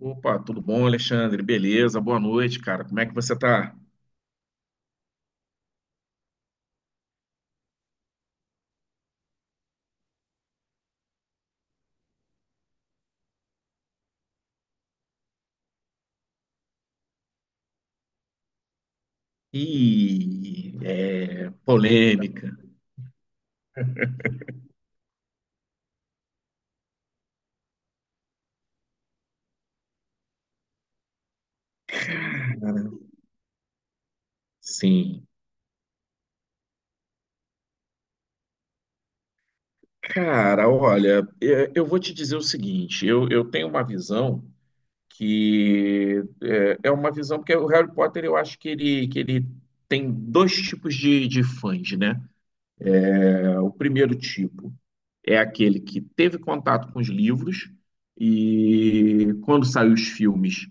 Opa, tudo bom, Alexandre? Beleza, boa noite, cara. Como é que você tá? Ih, é polêmica. Sim. Cara, olha, eu vou te dizer o seguinte: eu tenho uma visão que é uma visão, porque o Harry Potter eu acho que ele tem dois tipos de fãs, né? O primeiro tipo é aquele que teve contato com os livros e quando saiu os filmes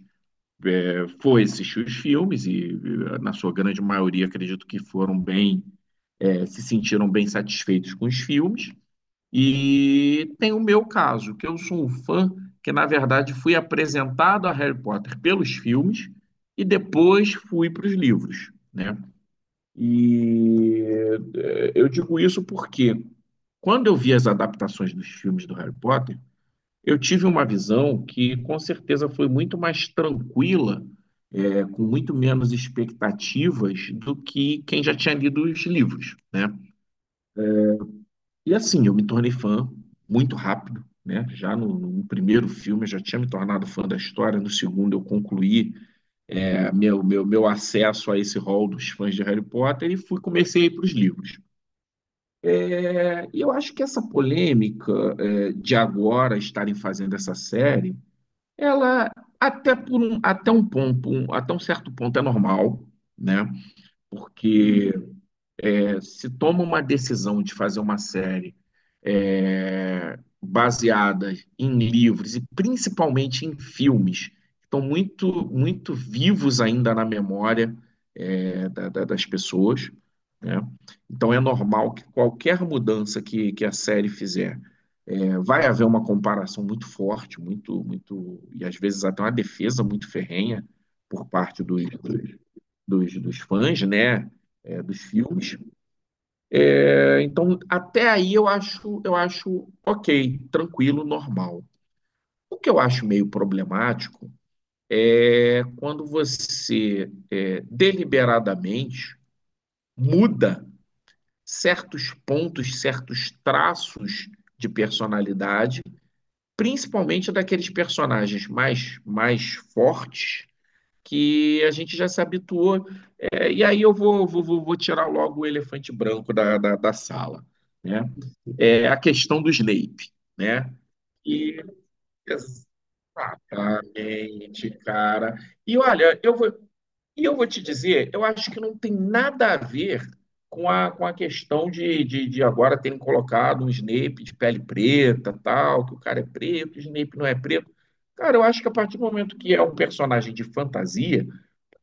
foi assistir os filmes e, na sua grande maioria, acredito que foram bem, se sentiram bem satisfeitos com os filmes. E tem o meu caso, que eu sou um fã que, na verdade, fui apresentado a Harry Potter pelos filmes e depois fui para os livros, né? E eu digo isso porque quando eu vi as adaptações dos filmes do Harry Potter, eu tive uma visão que com certeza foi muito mais tranquila, com muito menos expectativas do que quem já tinha lido os livros, né? E assim, eu me tornei fã muito rápido, né? Já no primeiro filme eu já tinha me tornado fã da história, no segundo eu concluí meu acesso a esse hall dos fãs de Harry Potter e fui comecei a ir para os livros. Eu acho que essa polêmica de agora estarem fazendo essa série. Ela, até por um, até um ponto, um- até um certo ponto é normal, né? Porque se toma uma decisão de fazer uma série baseada em livros e principalmente em filmes, que estão muito, muito vivos ainda na memória das pessoas. Né? Então é normal que qualquer mudança que a série fizer vai haver uma comparação muito forte, muito, muito, e às vezes até uma defesa muito ferrenha por parte dos fãs, né, dos filmes. Então, até aí eu acho ok, tranquilo, normal. O que eu acho meio problemático é quando você deliberadamente muda certos pontos, certos traços de personalidade, principalmente daqueles personagens mais, mais fortes que a gente já se habituou. E aí eu vou tirar logo o elefante branco da sala. Né? É a questão do Snape. Né? E exatamente, cara. E olha, eu vou te dizer, eu acho que não tem nada a ver com a, questão de, de agora terem colocado um Snape de pele preta, tal, que o cara é preto, o Snape não é preto. Cara, eu acho que a partir do momento que é um personagem de fantasia,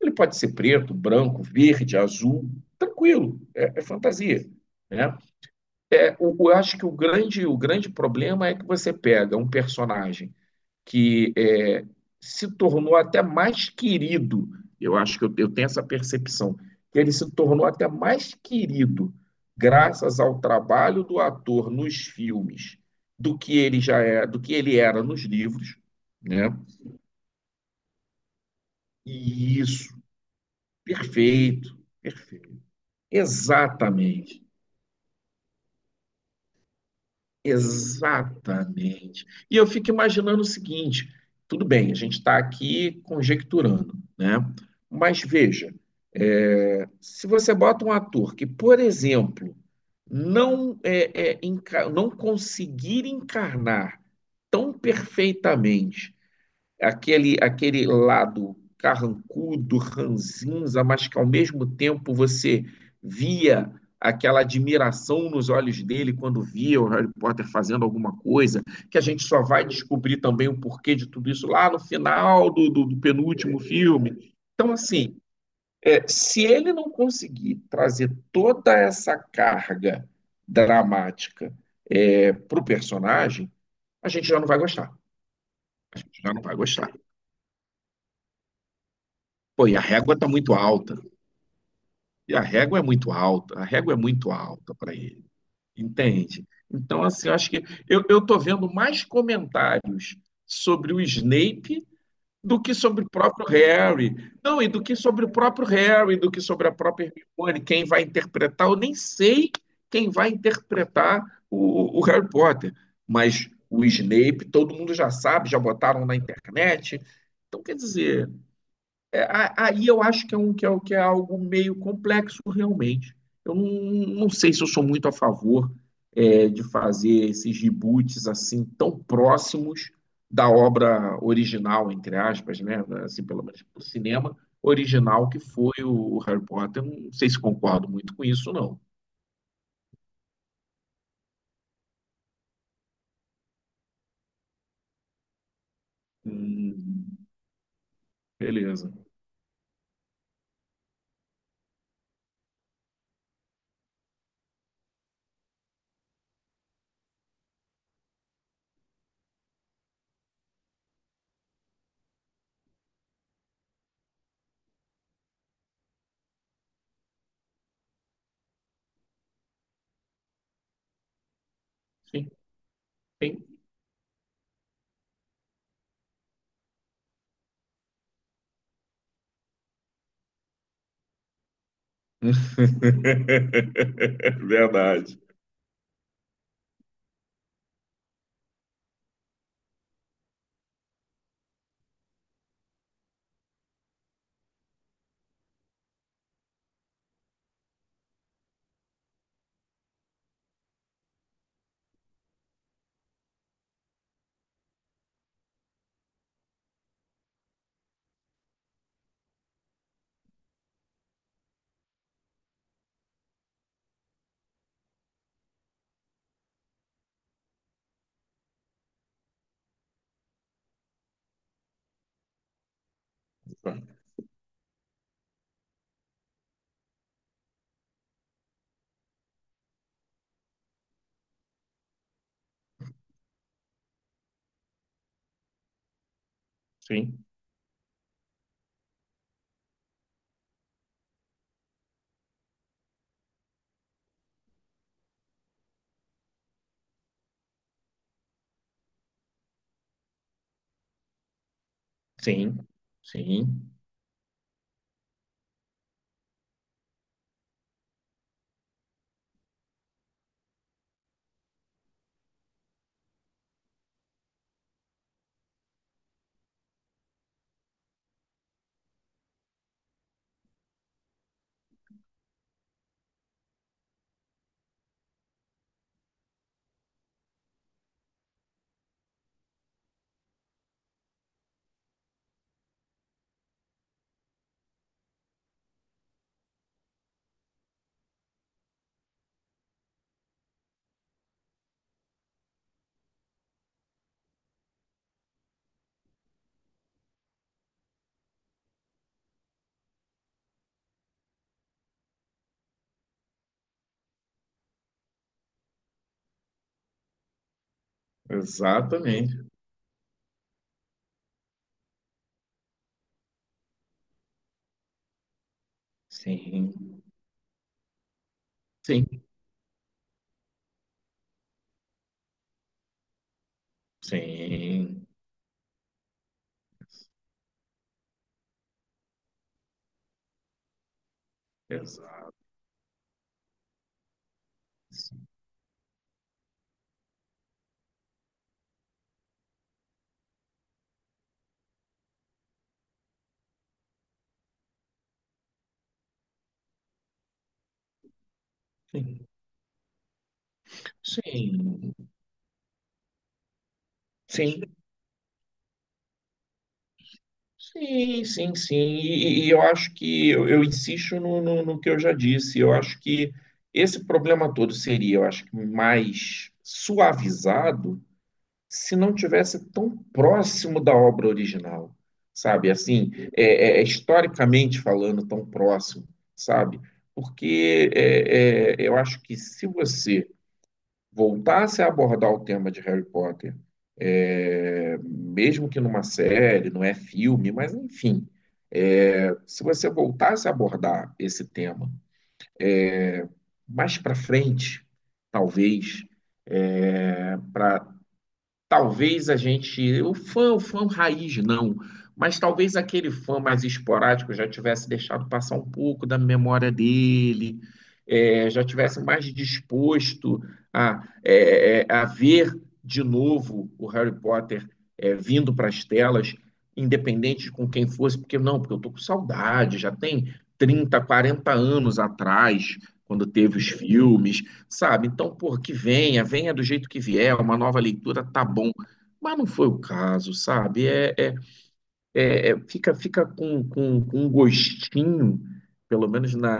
ele pode ser preto, branco, verde, azul, tranquilo, é fantasia, né? Eu acho que o grande problema é que você pega um personagem que é, se tornou até mais querido. Eu acho que eu tenho essa percepção, que ele se tornou até mais querido graças ao trabalho do ator nos filmes do que ele já é, do que ele era nos livros, né? E isso, perfeito, perfeito. Exatamente, exatamente. E eu fico imaginando o seguinte: tudo bem, a gente está aqui conjecturando, né? Mas veja, se você bota um ator que, por exemplo, não, não conseguir encarnar tão perfeitamente aquele lado carrancudo, ranzinza, mas que ao mesmo tempo você via aquela admiração nos olhos dele quando via o Harry Potter fazendo alguma coisa, que a gente só vai descobrir também o porquê de tudo isso lá no final do, do penúltimo filme. Então, assim, se ele não conseguir trazer toda essa carga dramática para o personagem, a gente já não vai gostar. Já não vai gostar. Pô, e a régua está muito alta. E a régua é muito alta. A régua é muito alta para ele. Entende? Então, assim, eu acho que eu tô vendo mais comentários sobre o Snape do que sobre o próprio Harry. Não, e do que sobre o próprio Harry, do que sobre a própria Hermione, quem vai interpretar. Eu nem sei quem vai interpretar o Harry Potter. Mas o Snape, todo mundo já sabe, já botaram na internet. Então, quer dizer, é, aí eu acho que que é algo meio complexo realmente. Eu não sei se eu sou muito a favor de fazer esses reboots assim tão próximos da obra original, entre aspas, né? Assim, pelo menos do cinema original que foi o Harry Potter. Eu não sei se concordo muito com isso, não. Hum, beleza. Sim, sim. Verdade. Sim, sim, sim. Exatamente. Sim, sim, sim, exato, sim, sim, sim, sim, sim, sim. E eu acho que eu insisto no, no que eu já disse. Eu acho que esse problema todo seria, eu acho que mais suavizado se não tivesse tão próximo da obra original, sabe? Assim, historicamente falando, tão próximo, sabe? Porque eu acho que se você voltasse a abordar o tema de Harry Potter, mesmo que numa série, não é filme, mas enfim, se você voltasse a abordar esse tema mais para frente, talvez, Talvez a gente, o fã raiz não, mas talvez aquele fã mais esporádico já tivesse deixado passar um pouco da memória dele, já tivesse mais disposto a ver de novo o Harry Potter vindo para as telas, independente de com quem fosse, porque não, porque eu tô com saudade, já tem 30, 40 anos atrás, quando teve os filmes, sabe? Então, por que venha, venha do jeito que vier, uma nova leitura tá bom. Mas não foi o caso, sabe? Fica com, com um gostinho, pelo menos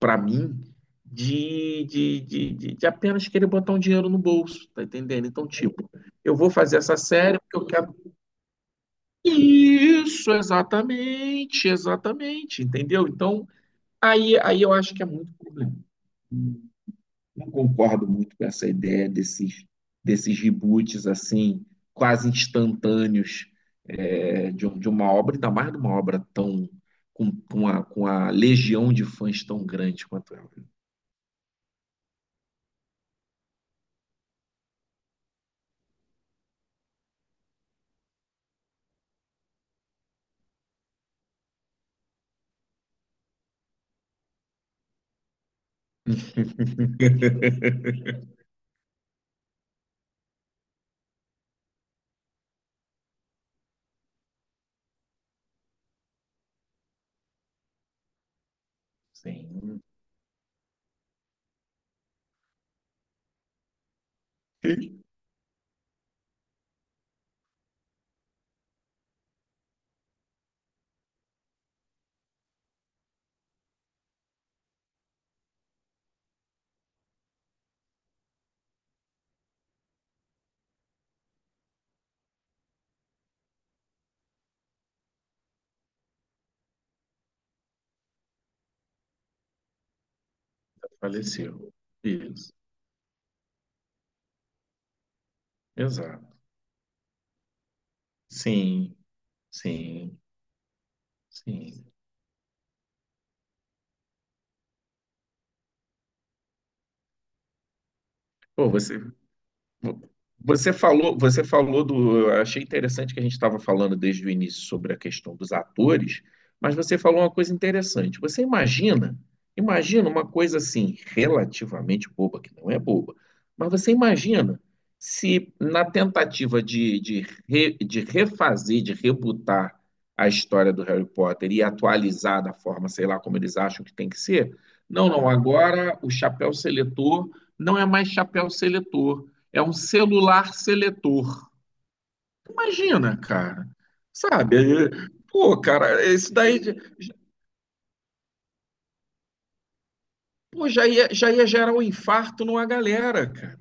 para mim, de, de apenas querer botar um dinheiro no bolso, tá entendendo? Então, tipo, eu vou fazer essa série porque eu quero. Isso, exatamente, exatamente, entendeu? Então, aí eu acho que é muito problema. Não concordo muito com essa ideia desses, desses reboots assim, quase instantâneos de uma obra, ainda mais de uma obra tão com, com a legião de fãs tão grande quanto ela. Sim, faleceu. Isso, exato. Sim, sim, sim. Pô, você, Vo- Você falou, você falou do. Eu achei interessante que a gente estava falando desde o início sobre a questão dos atores, mas você falou uma coisa interessante. Você imagina, imagina uma coisa assim, relativamente boba, que não é boba, mas você imagina se na tentativa de, de refazer, de rebutar a história do Harry Potter e atualizar da forma, sei lá, como eles acham que tem que ser, não, não, agora o chapéu seletor não é mais chapéu seletor. É um celular seletor. Imagina, cara. Sabe? Pô, cara, isso daí, pô, já ia gerar um infarto numa galera, cara.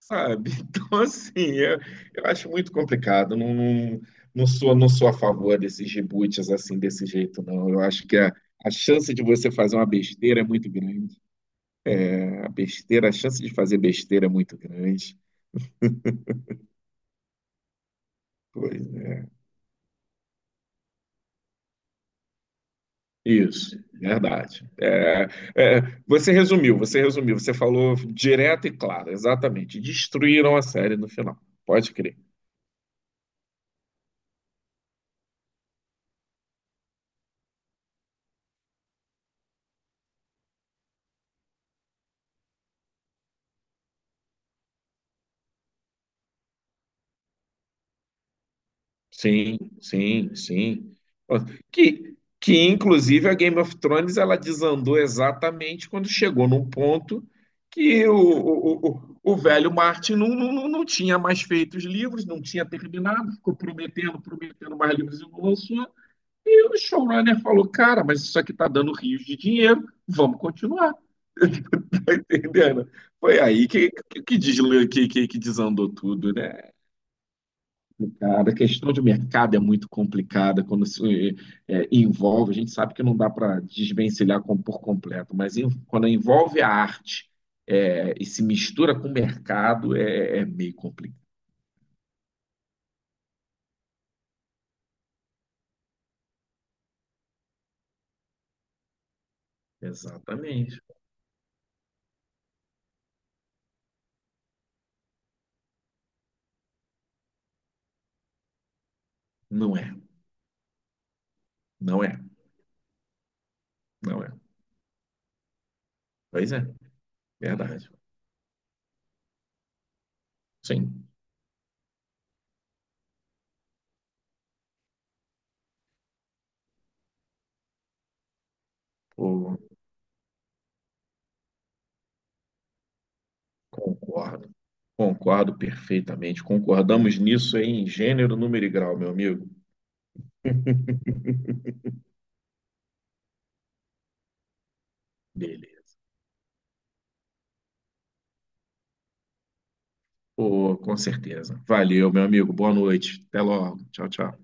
Sabe? Então, assim, eu acho muito complicado. Não, não, não sou, não sou a favor desses reboots assim, desse jeito, não. Eu acho que a chance de você fazer uma besteira é muito grande. A besteira, a chance de fazer besteira é muito grande. Pois é. Isso, verdade. É, você resumiu, você falou direto e claro, exatamente. Destruíram a série no final, pode crer. Sim, sim, sim. Que, que inclusive a Game of Thrones ela desandou exatamente quando chegou num ponto que o velho Martin não, não, não tinha mais feito os livros, não tinha terminado, ficou prometendo, prometendo mais livros e não lançou. E o showrunner falou, cara, mas isso aqui tá dando rios de dinheiro, vamos continuar. Tá entendendo? Foi aí que, que desandou tudo, né? Cara, a questão de mercado é muito complicada quando se envolve. A gente sabe que não dá para desvencilhar por completo, mas quando envolve a arte, e se mistura com o mercado, é meio complicado. Exatamente. Não é, não é, não é. Pois é, verdade. Sim, pô, concordo. Concordo perfeitamente. Concordamos nisso em gênero, número e grau, meu amigo. Beleza. Pô, com certeza. Valeu, meu amigo. Boa noite. Até logo. Tchau, tchau.